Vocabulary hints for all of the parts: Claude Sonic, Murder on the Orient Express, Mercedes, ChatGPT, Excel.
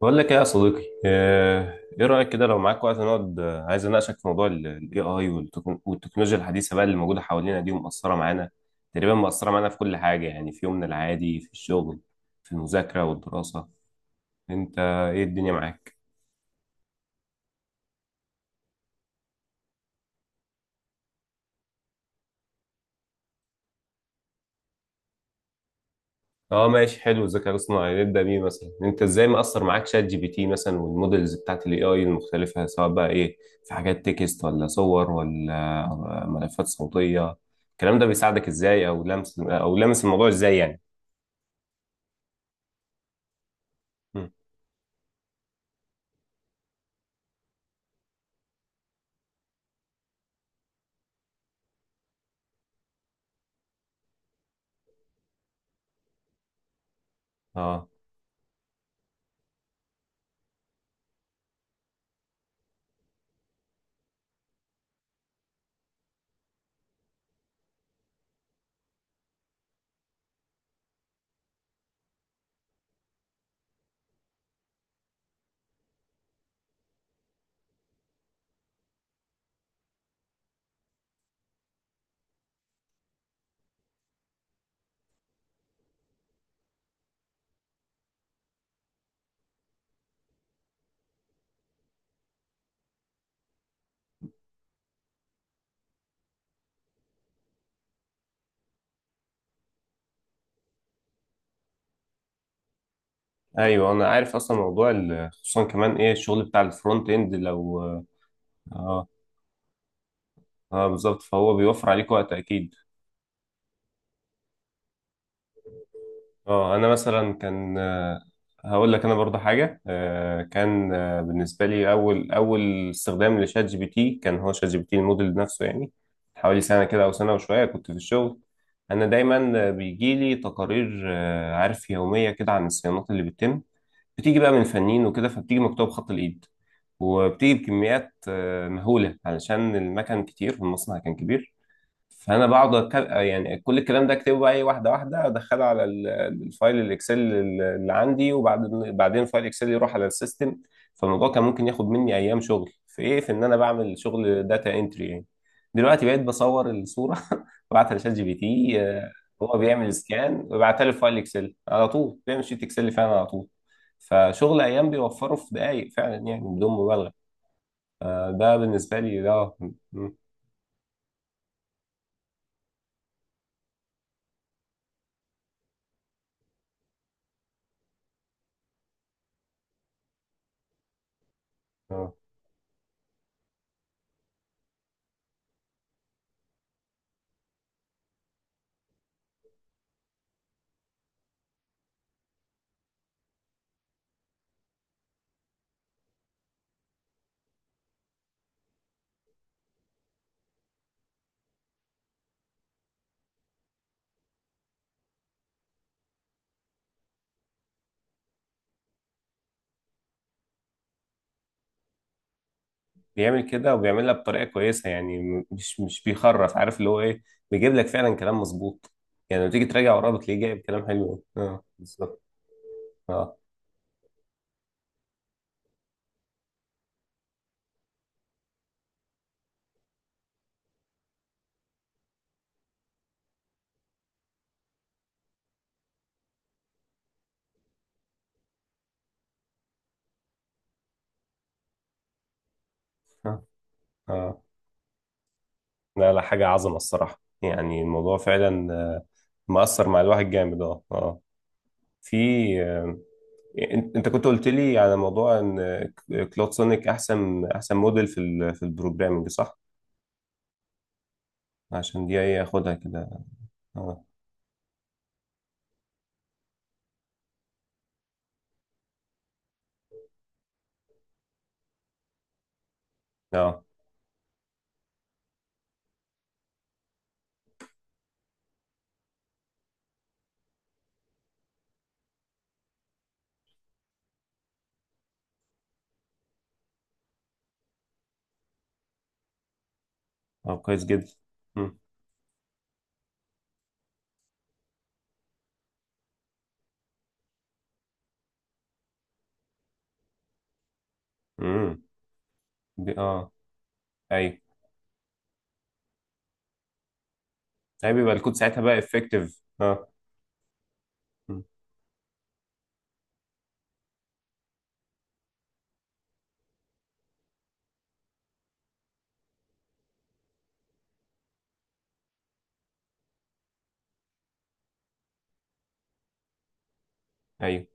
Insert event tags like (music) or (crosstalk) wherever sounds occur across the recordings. بقول لك ايه يا صديقي آه، ايه رأيك كده لو معاك وقت نقعد عايز اناقشك في موضوع الاي اي والتكنولوجيا الحديثة بقى اللي موجودة حوالينا دي ومأثرة معانا. تقريبا مأثرة معانا في كل حاجة، يعني في يومنا العادي، في الشغل، في المذاكرة والدراسة. انت ايه الدنيا معاك؟ اه ماشي، حلو. الذكاء الاصطناعي نبدأ بيه. مثلا انت ازاي مأثر معاك شات جي بي تي مثلا والمودلز بتاعت الاي اي المختلفة، سواء بقى ايه، في حاجات تكست ولا صور ولا ملفات صوتية. الكلام ده بيساعدك ازاي او لمس او لمس الموضوع ازاي يعني؟ مم. اه ايوه انا عارف، اصلا موضوع ال- خصوصا كمان ايه الشغل بتاع الفرونت اند لو. اه اه بالظبط، فهو بيوفر عليك وقت اكيد. اه انا مثلا كان هقول لك انا برضه حاجه، آه، كان آه، بالنسبه لي اول استخدام لشات جي بي تي كان هو شات جي بي تي، الموديل نفسه يعني. حوالي سنه كده او سنه وشويه، كنت في الشغل. انا دايما بيجي لي تقارير، عارف، يوميه كده عن الصيانات اللي بتتم. بتيجي بقى من فنيين وكده، فبتيجي مكتوبة بخط الإيد، وبتيجي بكميات مهولة علشان المكن كتير والمصنع كان كبير. فأنا بقعد يعني كل الكلام ده أكتبه بقى إيه، واحدة واحدة أدخله على ال- الفايل الإكسل اللي عندي، وبعدين فايل إكسل يروح على السيستم. فالموضوع كان ممكن ياخد مني أيام شغل في إيه، في إن أنا بعمل شغل داتا إنتري يعني. دلوقتي بقيت بصور الصورة (laughs) وابعتها لشات جي بي تي. هو بيعمل سكان ويبعتها لي في فايل إكسل على طول، بيعمل شيت إكسل فعلا على طول. فشغل أيام بيوفره في دقايق، فعلا يعني بدون مبالغة. ده بالنسبة لي، ده اه م- آه. بيعمل كده وبيعملها بطريقة كويسة يعني، مش بيخرف، عارف اللي هو ايه. بيجيب لك فعلا كلام مظبوط. يعني لما تيجي تراجع وراه بتلاقيه جايب كلام حلو. اه بالظبط. اه اه اه، لا لا، حاجة عظمة الصراحة يعني. الموضوع فعلا مأثر مع الواحد جامد. اه اه. في آه، انت كنت قلت لي على موضوع ان كلود سونيك احسن موديل في ال- في البروجرامنج، صح؟ عشان دي ايه اخدها كده. اه اه كويس جدا. امم دي اه ايوه. ايوه بيبقى الكود ساعتها بقى افكتيف، اه. مم. ايوه،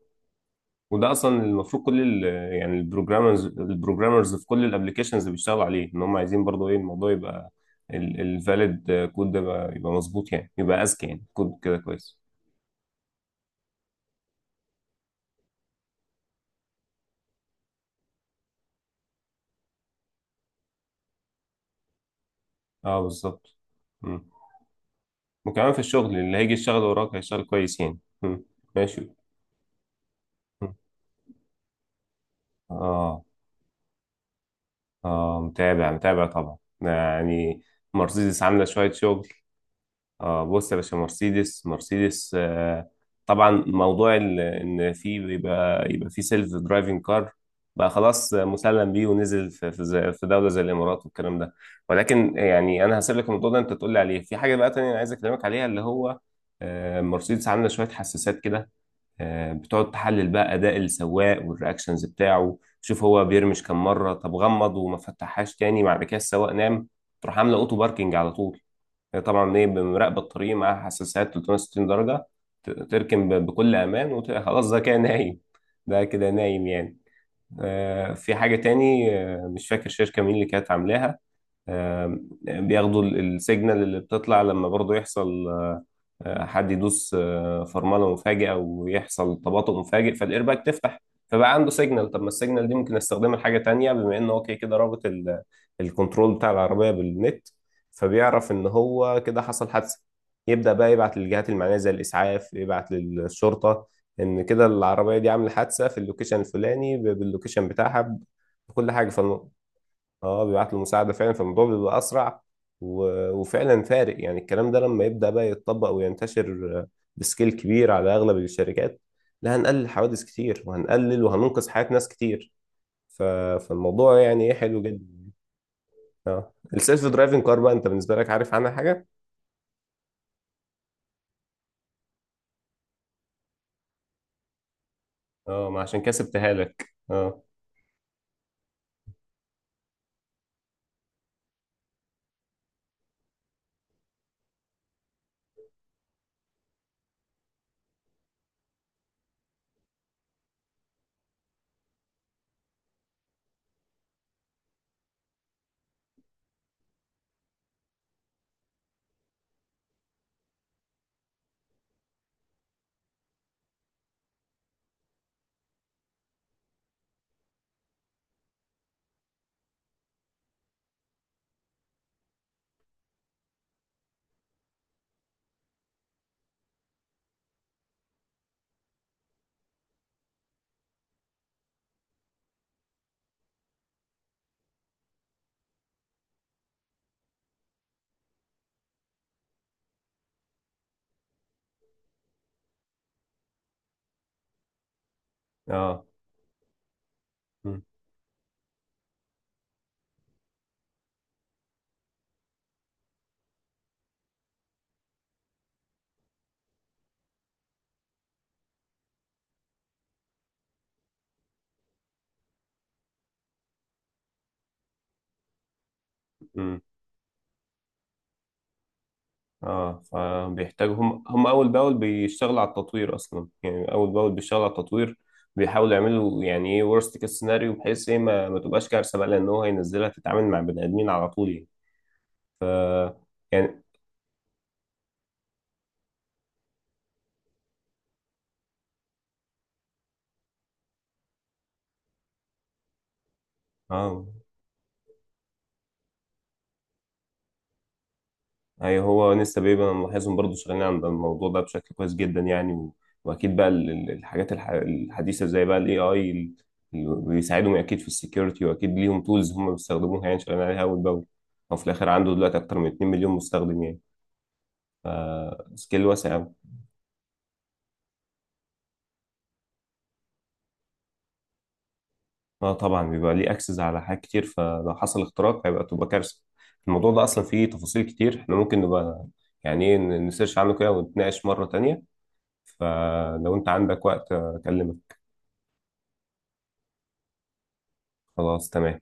وده اصلا المفروض كل ال- يعني البروجرامرز، البروجرامرز في كل الابلكيشنز بيشتغلوا عليه، ان هم عايزين برضه ايه الموضوع يبقى الفاليد كود ده بقى يبقى مظبوط، يعني يبقى اذكى، يعني كود كده كويس. اه بالظبط. مم. وكمان في الشغل اللي هيجي يشتغل وراك هيشتغل كويس يعني. مم. ماشي. مم. اه. اه متابع متابع طبعا يعني. مرسيدس عامله شويه شغل. اه بص يا باشا، مرسيدس آه طبعا، موضوع ال- ان في بيبقى يبقى في سيلف درايفنج كار بقى خلاص مسلم بيه، ونزل في في زي- في دوله زي الامارات والكلام ده. ولكن يعني انا هسيب لك الموضوع ده انت تقول لي عليه. في حاجه بقى تانية انا عايز اكلمك عليها، اللي هو آه مرسيدس عامله شويه حساسات كده بتقعد تحلل بقى اداء السواق والرياكشنز بتاعه. شوف هو بيرمش كم مره، طب غمض وما فتحهاش تاني، بعد كده السواق نام، تروح عامله اوتو باركنج على طول. هي طبعا ايه بمراقب الطريق، معاها حساسات 360 درجة. تركن بكل امان، وخلاص ده كده نايم. ده كده نايم يعني. في حاجة تاني، مش فاكر شركة مين اللي كانت عاملاها، بياخدوا ال- السيجنال اللي بتطلع لما برضو يحصل حد يدوس فرمله مفاجئه، ويحصل تباطؤ مفاجئ فالايرباك تفتح. فبقى عنده سيجنال، طب ما السيجنال دي ممكن استخدمها لحاجه تانية، بما ان هو كده كده رابط ال- الكنترول بتاع العربيه بالنت. فبيعرف ان هو كده حصل حادثه. يبدا بقى يبعت للجهات المعنيه، زي الاسعاف، يبعت للشرطه، ان كده العربيه دي عامله حادثه في اللوكيشن الفلاني، باللوكيشن بتاعها، بكل حاجه. اه بيبعت له مساعدة فعلا، فالموضوع بيبقى أسرع و... وفعلا فارق يعني. الكلام ده لما يبدأ بقى يتطبق وينتشر بسكيل كبير على أغلب الشركات، لا هنقلل حوادث كتير وهننقذ حياة ناس كتير. ف... فالموضوع يعني ايه حلو جدا. اه السيلف درايفنج كار بقى، انت بالنسبة لك عارف عنها حاجة؟ اه ما عشان كده سبتها لك. اه اه اه، فبيحتاجوا هم، اول باول بيشتغلوا على التطوير اصلا يعني، اول باول بيشتغلوا على التطوير. بيحاولوا يعملوا يعني ايه ورست كيس سيناريو، بحيث ايه ما تبقاش كارثه بقى، لان هو هينزلها تتعامل مع بني ادمين على طول يعني. ف يعني اه، اي هو لسه بيبقى انا ملاحظهم برضه شغالين عند الموضوع ده بشكل كويس جدا يعني واكيد بقى ال- ال- الحاجات الحديثه زي بقى الاي اي بيساعدهم اكيد في السكيورتي، واكيد ليهم تولز هم بيستخدموها، يعني شغالين عليها اول باول. او في الاخر عنده دلوقتي اكتر من 2 مليون مستخدم يعني، سكيل واسع قوي. اه طبعا، بيبقى ليه اكسس على حاجات كتير، فلو حصل اختراق هيبقى تبقى كارثه. الموضوع ده اصلا فيه تفاصيل كتير، احنا ممكن نبقى يعني ايه نسيرش عنه كده ونتناقش مره تانية. فلو انت عندك وقت اكلمك. خلاص تمام.